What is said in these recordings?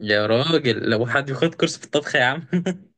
يا راجل، لو حد ياخد كورس في الطبخ يا عم.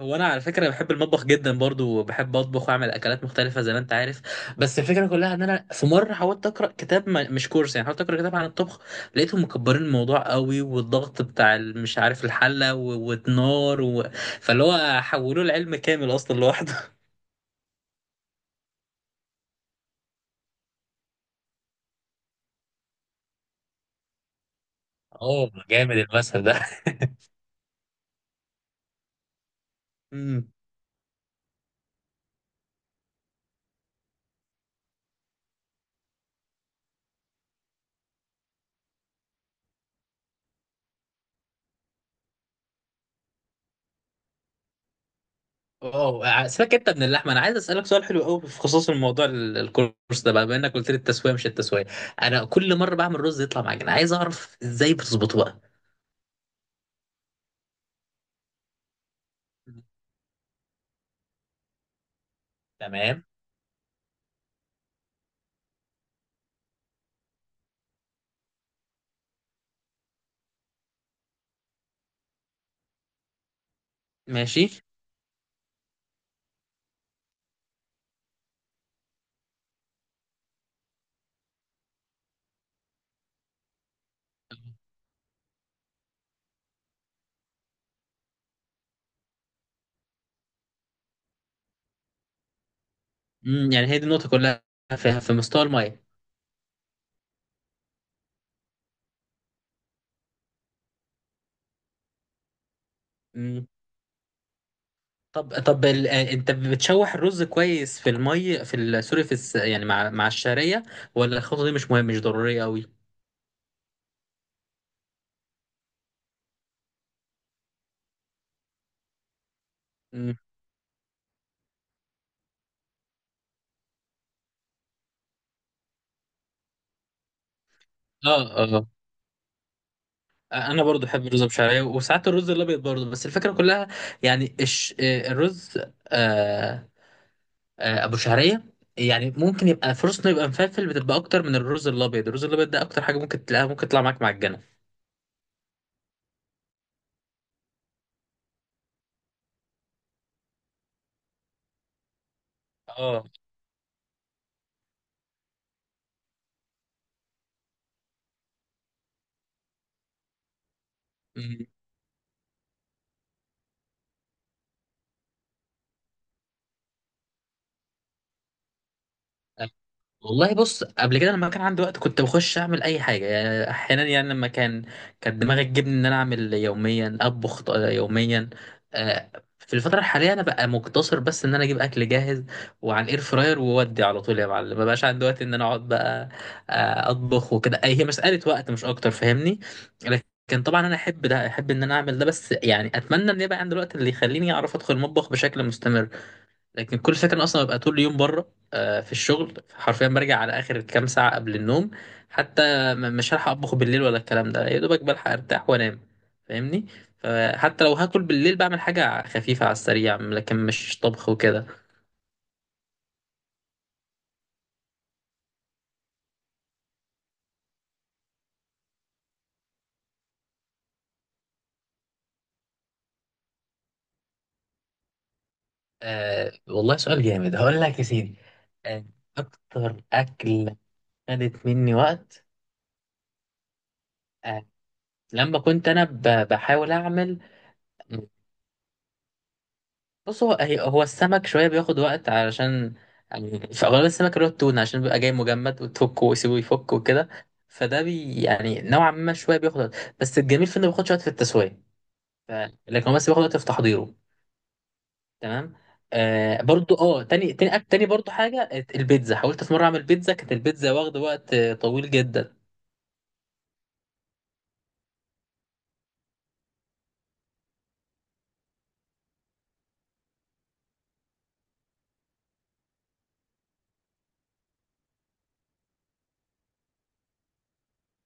هو انا على فكره بحب المطبخ جدا برضو، وبحب اطبخ واعمل اكلات مختلفه زي ما انت عارف. بس الفكره كلها ان انا في مره حاولت اقرا كتاب، مش كورس، يعني حاولت اقرا كتاب عن الطبخ. لقيتهم مكبرين الموضوع قوي، والضغط بتاع مش عارف، الحله والنار فاللي هو حولوه لعلم كامل اصلا لوحده. اه، جامد المثل ده. اه، سيبك انت من اللحمه، انا عايز اسالك سؤال حلو قوي في خصوص الموضوع الكورس ده، بقى بما انك قلت لي التسويه مش التسويه. انا كل مره بعمل رز يطلع معجن، عايز اعرف ازاي بتظبطه بقى. تمام. ماشي. امم، يعني هي دي النقطه كلها، في مستوى الميه. امم. طب ال... آه، انت بتشوح الرز كويس في الميه في سوري، في يعني مع الشعريه، ولا الخطوه دي مش مهمه مش ضروريه قوي؟ امم. اه اه. انا برضو بحب الرز بشعريه، وساعات الرز الابيض برضو. بس الفكره كلها يعني الش... آه، الرز، آه، ابو شعريه، يعني ممكن يبقى فرصته يبقى مفلفل، بتبقى اكتر من الرز الابيض. الرز الابيض ده اكتر حاجه ممكن تلاقيها ممكن تطلع معاك معجنه. اه والله. بص، قبل كده لما كان عندي وقت كنت بخش اعمل اي حاجه، يعني احيانا يعني لما كان، كانت دماغي تجيبني ان انا اعمل يوميا، اطبخ يوميا. آه، في الفتره الحاليه انا بقى مقتصر بس ان انا اجيب اكل جاهز، وعن اير فراير وودي على طول يا معلم. ما بقاش عندي وقت ان انا اقعد بقى اطبخ وكده. هي مساله وقت مش اكتر، فاهمني؟ لكن طبعا انا احب ده، احب ان انا اعمل ده، بس يعني اتمنى ان يبقى عندي الوقت اللي يخليني اعرف ادخل المطبخ بشكل مستمر. لكن كل فكرة اصلا ببقى طول اليوم بره، في الشغل حرفيا. برجع على اخر كام ساعه قبل النوم حتى، مش هلحق اطبخ بالليل ولا الكلام ده، يا دوبك بلحق ارتاح وانام، فاهمني؟ فحتى لو هاكل بالليل بعمل حاجه خفيفه على السريع، لكن مش طبخ وكده. آه والله، سؤال جامد. هقول لك يا سيدي. آه. أكتر أكلة خدت مني وقت، آه، لما كنت أنا بحاول أعمل. بص، هو هو السمك شوية بياخد وقت، علشان يعني في أغلب السمك اللي هو التونة، عشان بيبقى جاي مجمد، وتفكه ويسيبه يفك وكده. فده بي يعني نوعا ما شوية بياخد وقت، بس الجميل في إنه بياخدش وقت في التسوية. ف... لكن هو بس بياخد وقت في تحضيره. تمام. آه، برضو اه، تاني برضو حاجة، البيتزا. حاولت في مرة أعمل بيتزا، كانت البيتزا واخدة وقت طويل جدا.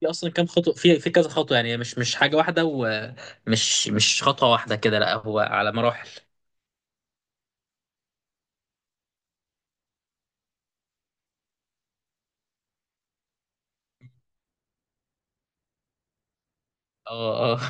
في أصلا كام خطوة، في كذا خطوة، يعني مش حاجة واحدة، ومش مش خطوة واحدة كده، لا هو على مراحل. اه اه.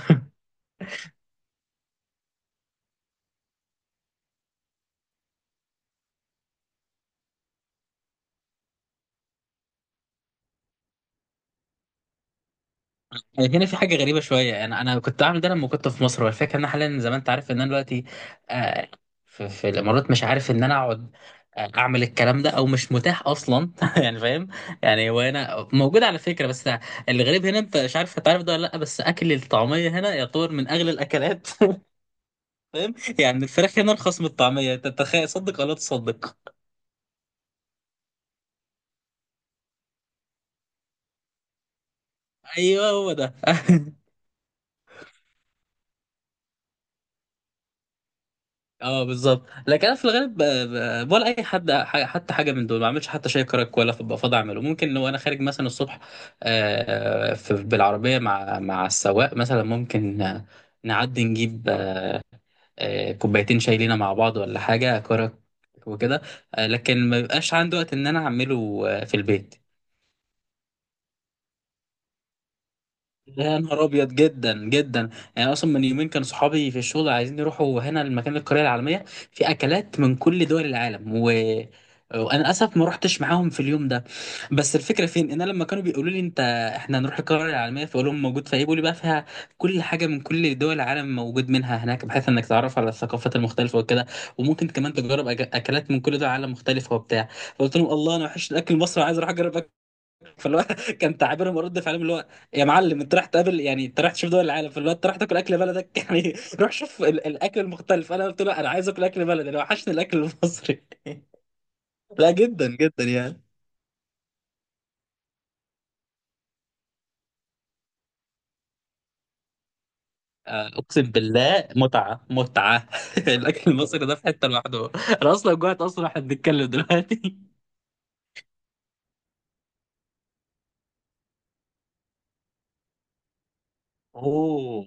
يعني هنا في حاجة غريبة شوية، أنا كنت بعمل ده لما كنت في مصر، والفكرة إن أنا حاليا زي ما أنت عارف إن أنا دلوقتي آه، في الإمارات، مش عارف إن أنا أقعد أعمل الكلام ده، أو مش متاح أصلا. يعني فاهم، يعني هو هنا موجود على فكرة، بس الغريب هنا أنت مش عارف هتعرف ده ولا لأ، بس أكل الطعمية هنا يعتبر من أغلى الأكلات. فاهم؟ يعني الفراخ هنا أرخص من الطعمية، أنت تخيل، صدق ولا تصدق. أيوه هو ده. اه بالظبط. لكن انا في الغالب ولا اي حد، حتى حاجه من دول ما اعملش، حتى شاي كرك ولا بفضل اعمله. ممكن لو انا خارج مثلا الصبح بالعربيه مع السواق مثلا، ممكن نعدي نجيب كوبايتين شاي لينا مع بعض، ولا حاجه كرك وكده. لكن ما بيبقاش عندي وقت ان انا اعمله في البيت. يا نهار ابيض، جدا جدا يعني. اصلا من يومين كان صحابي في الشغل عايزين يروحوا هنا المكان، القريه العالميه، في اكلات من كل دول العالم وانا للاسف ما رحتش معاهم في اليوم ده. بس الفكره فين؟ ان انا لما كانوا بيقولوا لي انت، احنا هنروح القريه العالميه، فاقول لهم موجود فيها ايه، بيقولوا لي بقى فيها كل حاجه من كل دول العالم، موجود منها هناك، بحيث انك تعرف على الثقافات المختلفه وكده، وممكن كمان تجرب اكلات من كل دول العالم مختلفه وبتاع. فقلت لهم الله، انا وحش الاكل المصري، عايز اروح اجرب. فاللي هو كان تعابيرهم ورد فعلهم اللي هو، يا معلم انت رايح تقابل، يعني انت رايح تشوف دول العالم، فاللي هو انت رايح تاكل اكل بلدك؟ يعني روح شوف الاكل المختلف. انا قلت له انا عايز اكل اكل بلدي، انا وحشني الاكل المصري. لا، جدا جدا يعني. اقسم بالله، متعه متعه. الاكل المصري ده في حته لوحده. انا اصلا جوعت اصلا واحنا بنتكلم دلوقتي. اوه،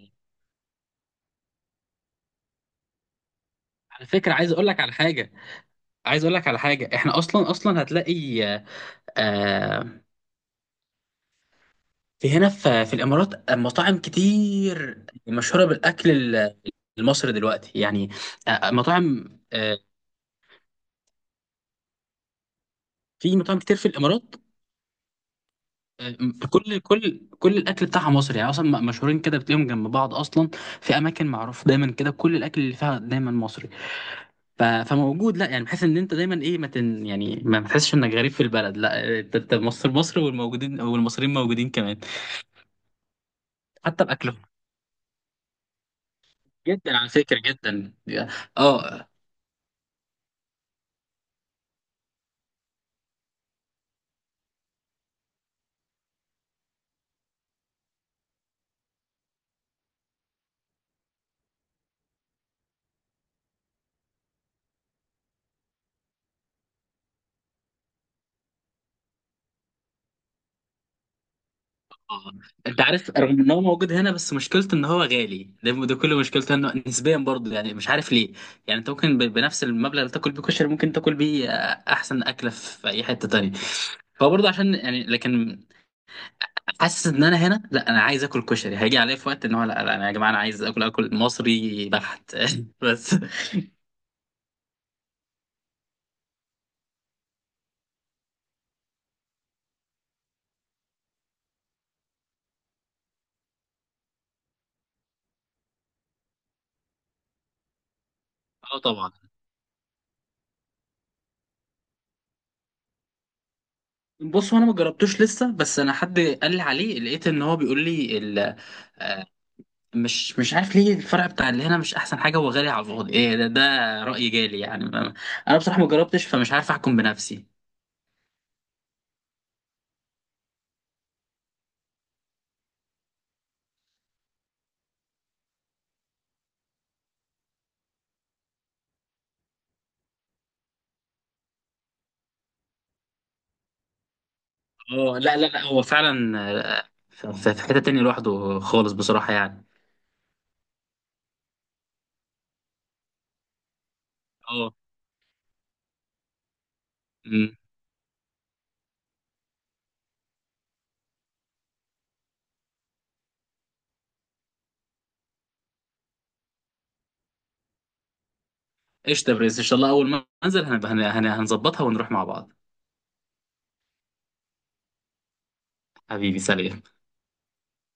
على فكرة عايز اقول لك على حاجة. عايز اقول لك على حاجة، احنا اصلا اصلا هتلاقي آه، في هنا في الامارات مطاعم كتير مشهوره بالاكل المصري دلوقتي يعني. مطاعم في مطاعم كتير في الامارات. آه، كل الاكل بتاعها مصري يعني. اصلا مشهورين كده، بتلاقيهم جنب بعض اصلا، في اماكن معروف دايما كده كل الاكل اللي فيها دايما مصري. فموجود لا يعني، بحيث ان انت دايما ايه، ما تن يعني ما تحسش انك غريب في البلد. لا، أنت مصر مصر، والموجودين والمصريين موجودين كمان، حتى باكلهم. جدا على فكره، جدا. اه. اه. انت عارف، رغم ان هو موجود هنا بس مشكلته ان هو غالي، ده كل مشكلته انه نسبيا برضه، يعني مش عارف ليه. يعني انت ممكن بنفس المبلغ اللي تاكل بيه كشري ممكن تاكل بيه احسن اكله في اي حته تانية. هو برضه عشان، يعني لكن حاسس ان انا هنا لا، انا عايز اكل كشري، هيجي عليا في وقت ان هو لا، لا انا يا جماعه، انا عايز اكل اكل مصري بحت. بس. اه طبعا. بص هو انا ما جربتوش لسه، بس انا حد قال لي عليه لقيت ان هو بيقول لي، مش عارف ليه الفرع بتاع اللي هنا مش احسن حاجه، وغالي على الفاضي. ايه ده؟ راي جالي يعني. انا بصراحه ما جربتش، فمش عارف احكم بنفسي. اه، لا لا لا، هو فعلا في في حته تانية لوحده خالص بصراحه يعني. اه. أمم. قشطه يا برنس، ان شاء الله اول ما انزل هنبقى هنظبطها ونروح مع بعض. حبيبي سلام.